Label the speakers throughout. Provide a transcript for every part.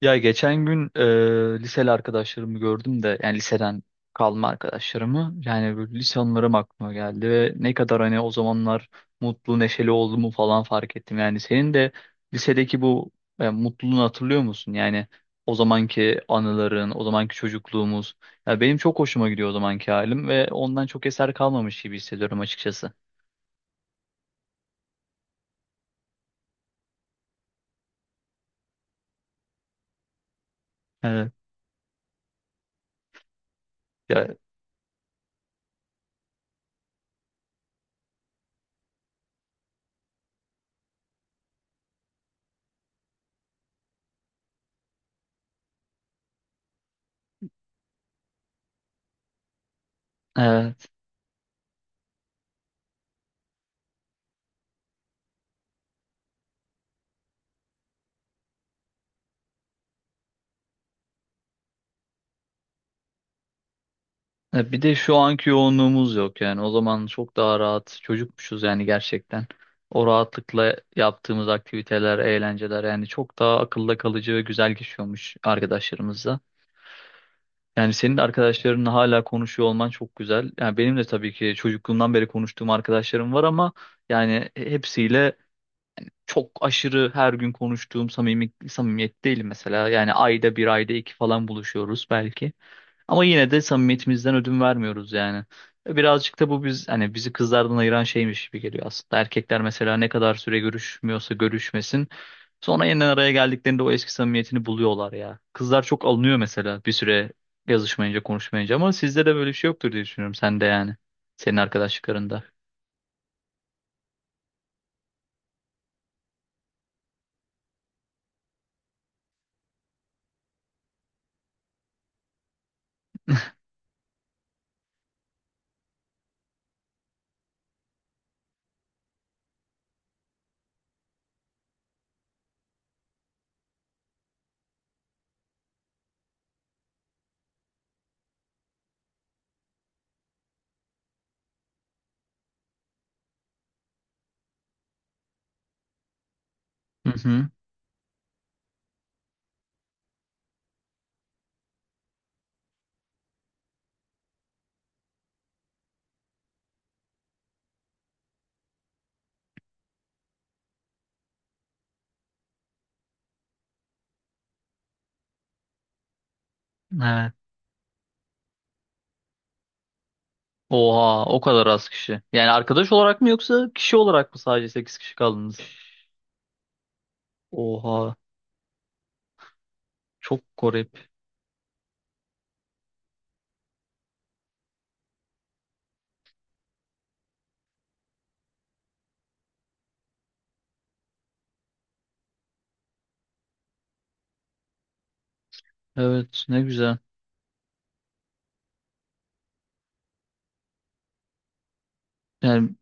Speaker 1: Ya geçen gün liseli arkadaşlarımı gördüm de yani liseden kalma arkadaşlarımı yani böyle lise anılarım aklıma geldi ve ne kadar hani o zamanlar mutlu neşeli olduğumu falan fark ettim. Yani senin de lisedeki bu mutluluğunu hatırlıyor musun? Yani o zamanki anıların, o zamanki çocukluğumuz. Ya benim çok hoşuma gidiyor o zamanki halim ve ondan çok eser kalmamış gibi hissediyorum açıkçası. Evet. Ya. e, Bir de şu anki yoğunluğumuz yok yani. O zaman çok daha rahat çocukmuşuz yani gerçekten. O rahatlıkla yaptığımız aktiviteler, eğlenceler yani çok daha akılda kalıcı ve güzel geçiyormuş arkadaşlarımızla. Yani senin de arkadaşlarınla hala konuşuyor olman çok güzel. Yani benim de tabii ki çocukluğumdan beri konuştuğum arkadaşlarım var ama yani hepsiyle çok aşırı her gün konuştuğum samimi, samimiyet değil mesela. Yani ayda bir ayda iki falan buluşuyoruz belki. Ama yine de samimiyetimizden ödün vermiyoruz yani. Birazcık da bu biz hani bizi kızlardan ayıran şeymiş gibi geliyor aslında. Erkekler mesela ne kadar süre görüşmüyorsa görüşmesin. Sonra yeniden araya geldiklerinde o eski samimiyetini buluyorlar ya. Kızlar çok alınıyor mesela bir süre yazışmayınca konuşmayınca ama sizde de böyle bir şey yoktur diye düşünüyorum sen de yani. Senin arkadaşlıklarında. Hı hı. Evet. Oha, o kadar az kişi. Yani arkadaş olarak mı yoksa kişi olarak mı sadece 8 kişi kaldınız? Oha, çok garip. Evet, ne güzel. Yani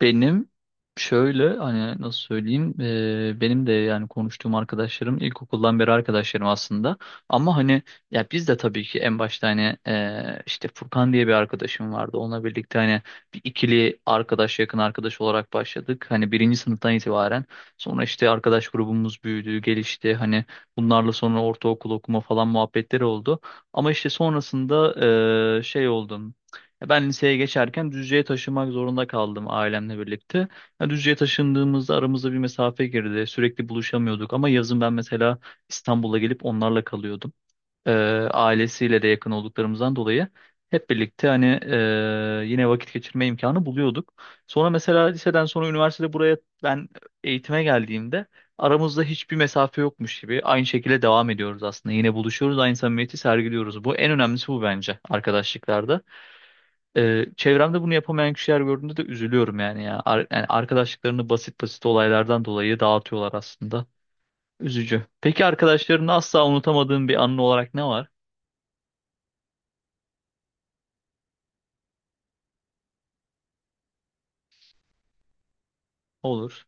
Speaker 1: benim şöyle hani nasıl söyleyeyim benim de yani konuştuğum arkadaşlarım ilkokuldan beri arkadaşlarım aslında ama hani ya biz de tabii ki en başta hani işte Furkan diye bir arkadaşım vardı, onunla birlikte hani bir ikili arkadaş yakın arkadaş olarak başladık hani birinci sınıftan itibaren. Sonra işte arkadaş grubumuz büyüdü, gelişti, hani bunlarla sonra ortaokul okuma falan muhabbetleri oldu ama işte sonrasında şey oldu. Ya ben liseye geçerken Düzce'ye taşınmak zorunda kaldım ailemle birlikte. Ya Düzce'ye taşındığımızda aramızda bir mesafe girdi. Sürekli buluşamıyorduk ama yazın ben mesela İstanbul'a gelip onlarla kalıyordum. Ee, Ailesiyle de yakın olduklarımızdan dolayı hep birlikte hani yine vakit geçirme imkanı buluyorduk. Sonra mesela liseden sonra üniversitede buraya ben eğitime geldiğimde aramızda hiçbir mesafe yokmuş gibi aynı şekilde devam ediyoruz aslında. Yine buluşuyoruz, aynı samimiyeti sergiliyoruz. Bu en önemlisi, bu bence arkadaşlıklarda. Çevremde bunu yapamayan kişiler gördüğümde de üzülüyorum yani ya. Yani arkadaşlıklarını basit basit olaylardan dolayı dağıtıyorlar aslında. Üzücü. Peki arkadaşlarını asla unutamadığın bir anın olarak ne var? Olur.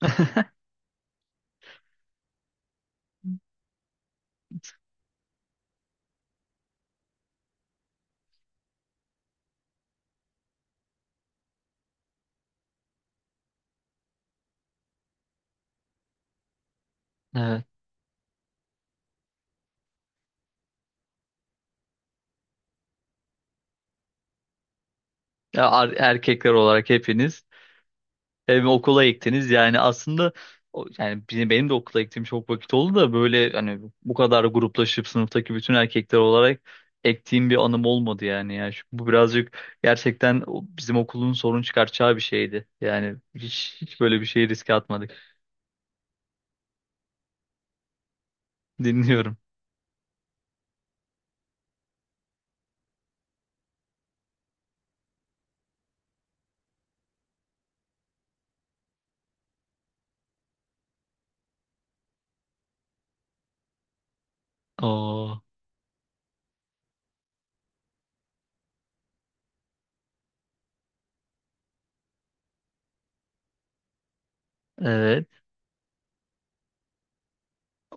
Speaker 1: Evet. Ya, erkekler olarak hepiniz evime okula ektiniz yani aslında. Yani benim de okula ektiğim çok vakit oldu da böyle hani bu kadar gruplaşıp sınıftaki bütün erkekler olarak ektiğim bir anım olmadı yani. Bu birazcık gerçekten bizim okulun sorun çıkartacağı bir şeydi. Yani hiç, hiç böyle bir şey riske atmadık. Dinliyorum. Oo, evet.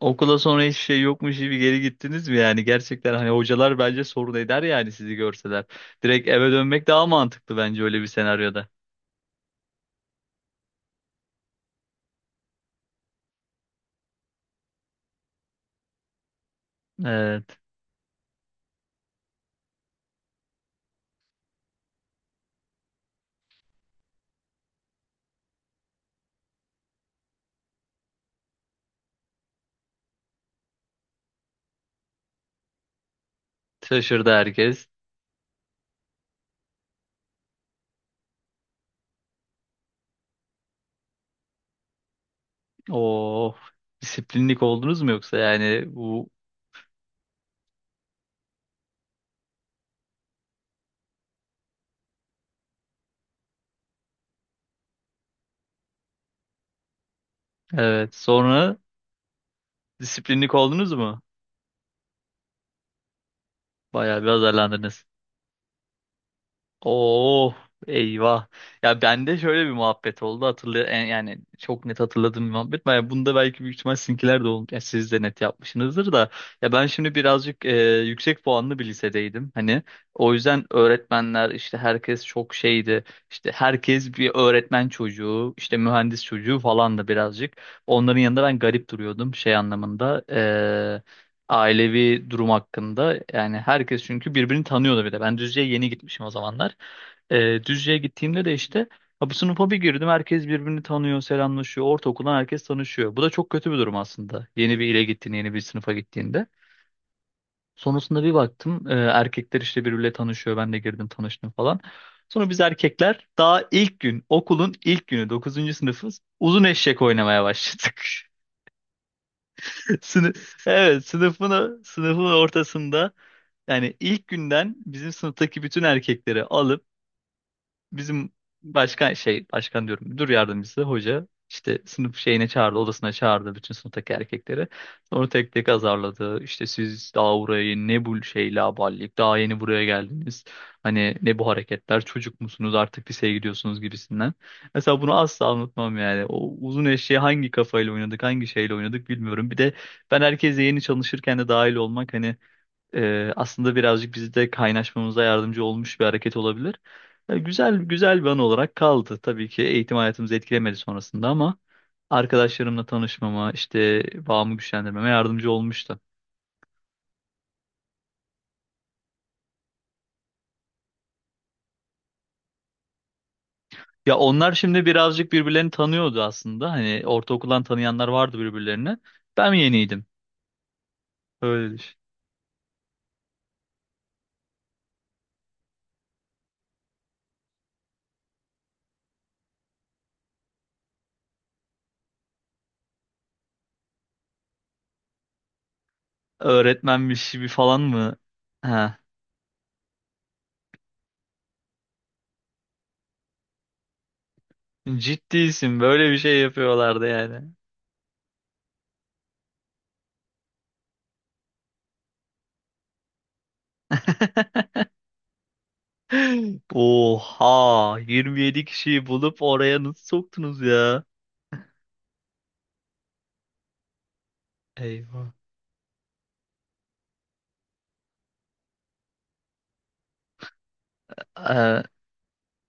Speaker 1: Okula sonra hiçbir şey yokmuş gibi geri gittiniz mi yani? Gerçekten hani hocalar bence sorun eder yani sizi görseler. Direkt eve dönmek daha mantıklı bence öyle bir senaryoda. Evet. Şaşırdı herkes. O disiplinlik oldunuz mu yoksa yani bu? Evet, sonra disiplinlik oldunuz mu? Bayağı bir azarlandınız. Oo, eyvah. Ya bende şöyle bir muhabbet oldu, yani çok net hatırladığım bir muhabbet. Yani bunda belki büyük ihtimal sizinkiler de olmuş. Yani siz de net yapmışsınızdır da. Ya ben şimdi birazcık yüksek puanlı bir lisedeydim. Hani o yüzden öğretmenler işte herkes çok şeydi. İşte herkes bir öğretmen çocuğu, işte mühendis çocuğu falan da birazcık. Onların yanında ben garip duruyordum şey anlamında. Ailevi durum hakkında. Yani herkes çünkü birbirini tanıyordu bir de. Ben Düzce'ye yeni gitmişim o zamanlar. Düzce'ye gittiğimde de işte ha, bu sınıfa bir girdim, herkes birbirini tanıyor, selamlaşıyor. Ortaokuldan herkes tanışıyor. Bu da çok kötü bir durum aslında. Yeni bir ile gittiğin, yeni bir sınıfa gittiğinde. Sonrasında bir baktım erkekler işte birbiriyle tanışıyor. Ben de girdim, tanıştım falan. Sonra biz erkekler daha ilk gün, okulun ilk günü, 9. sınıfız, uzun eşek oynamaya başladık. Evet, sınıfın ortasında yani ilk günden bizim sınıftaki bütün erkekleri alıp bizim başkan, şey, başkan diyorum, müdür yardımcısı hoca işte sınıf şeyine çağırdı, odasına çağırdı bütün sınıftaki erkekleri. Sonra tek tek azarladı. İşte siz daha burayı ne, bu şey laballik, daha yeni buraya geldiniz. Hani ne bu hareketler, çocuk musunuz, artık liseye gidiyorsunuz gibisinden. Mesela bunu asla unutmam yani. O uzun eşeği hangi kafayla oynadık, hangi şeyle oynadık bilmiyorum. Bir de ben herkese yeni çalışırken de dahil olmak hani aslında birazcık bizi de kaynaşmamıza yardımcı olmuş bir hareket olabilir. Güzel güzel bir an olarak kaldı. Tabii ki eğitim hayatımızı etkilemedi sonrasında ama arkadaşlarımla tanışmama, işte bağımı güçlendirmeme yardımcı olmuştu. Ya onlar şimdi birazcık birbirlerini tanıyordu aslında. Hani ortaokuldan tanıyanlar vardı birbirlerine. Ben yeniydim. Öyle düşün. Öğretmenmiş gibi falan mı? Ha. Ciddiysin. Böyle bir şey yapıyorlardı yani. Oha, 27 kişiyi bulup oraya nasıl soktunuz ya? Eyvah. Ee,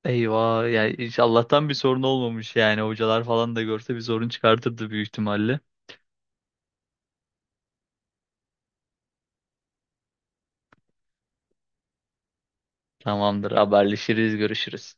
Speaker 1: Eyvah yani, hiç Allah'tan bir sorun olmamış yani, hocalar falan da görse bir sorun çıkartırdı büyük ihtimalle. Tamamdır, haberleşiriz, görüşürüz.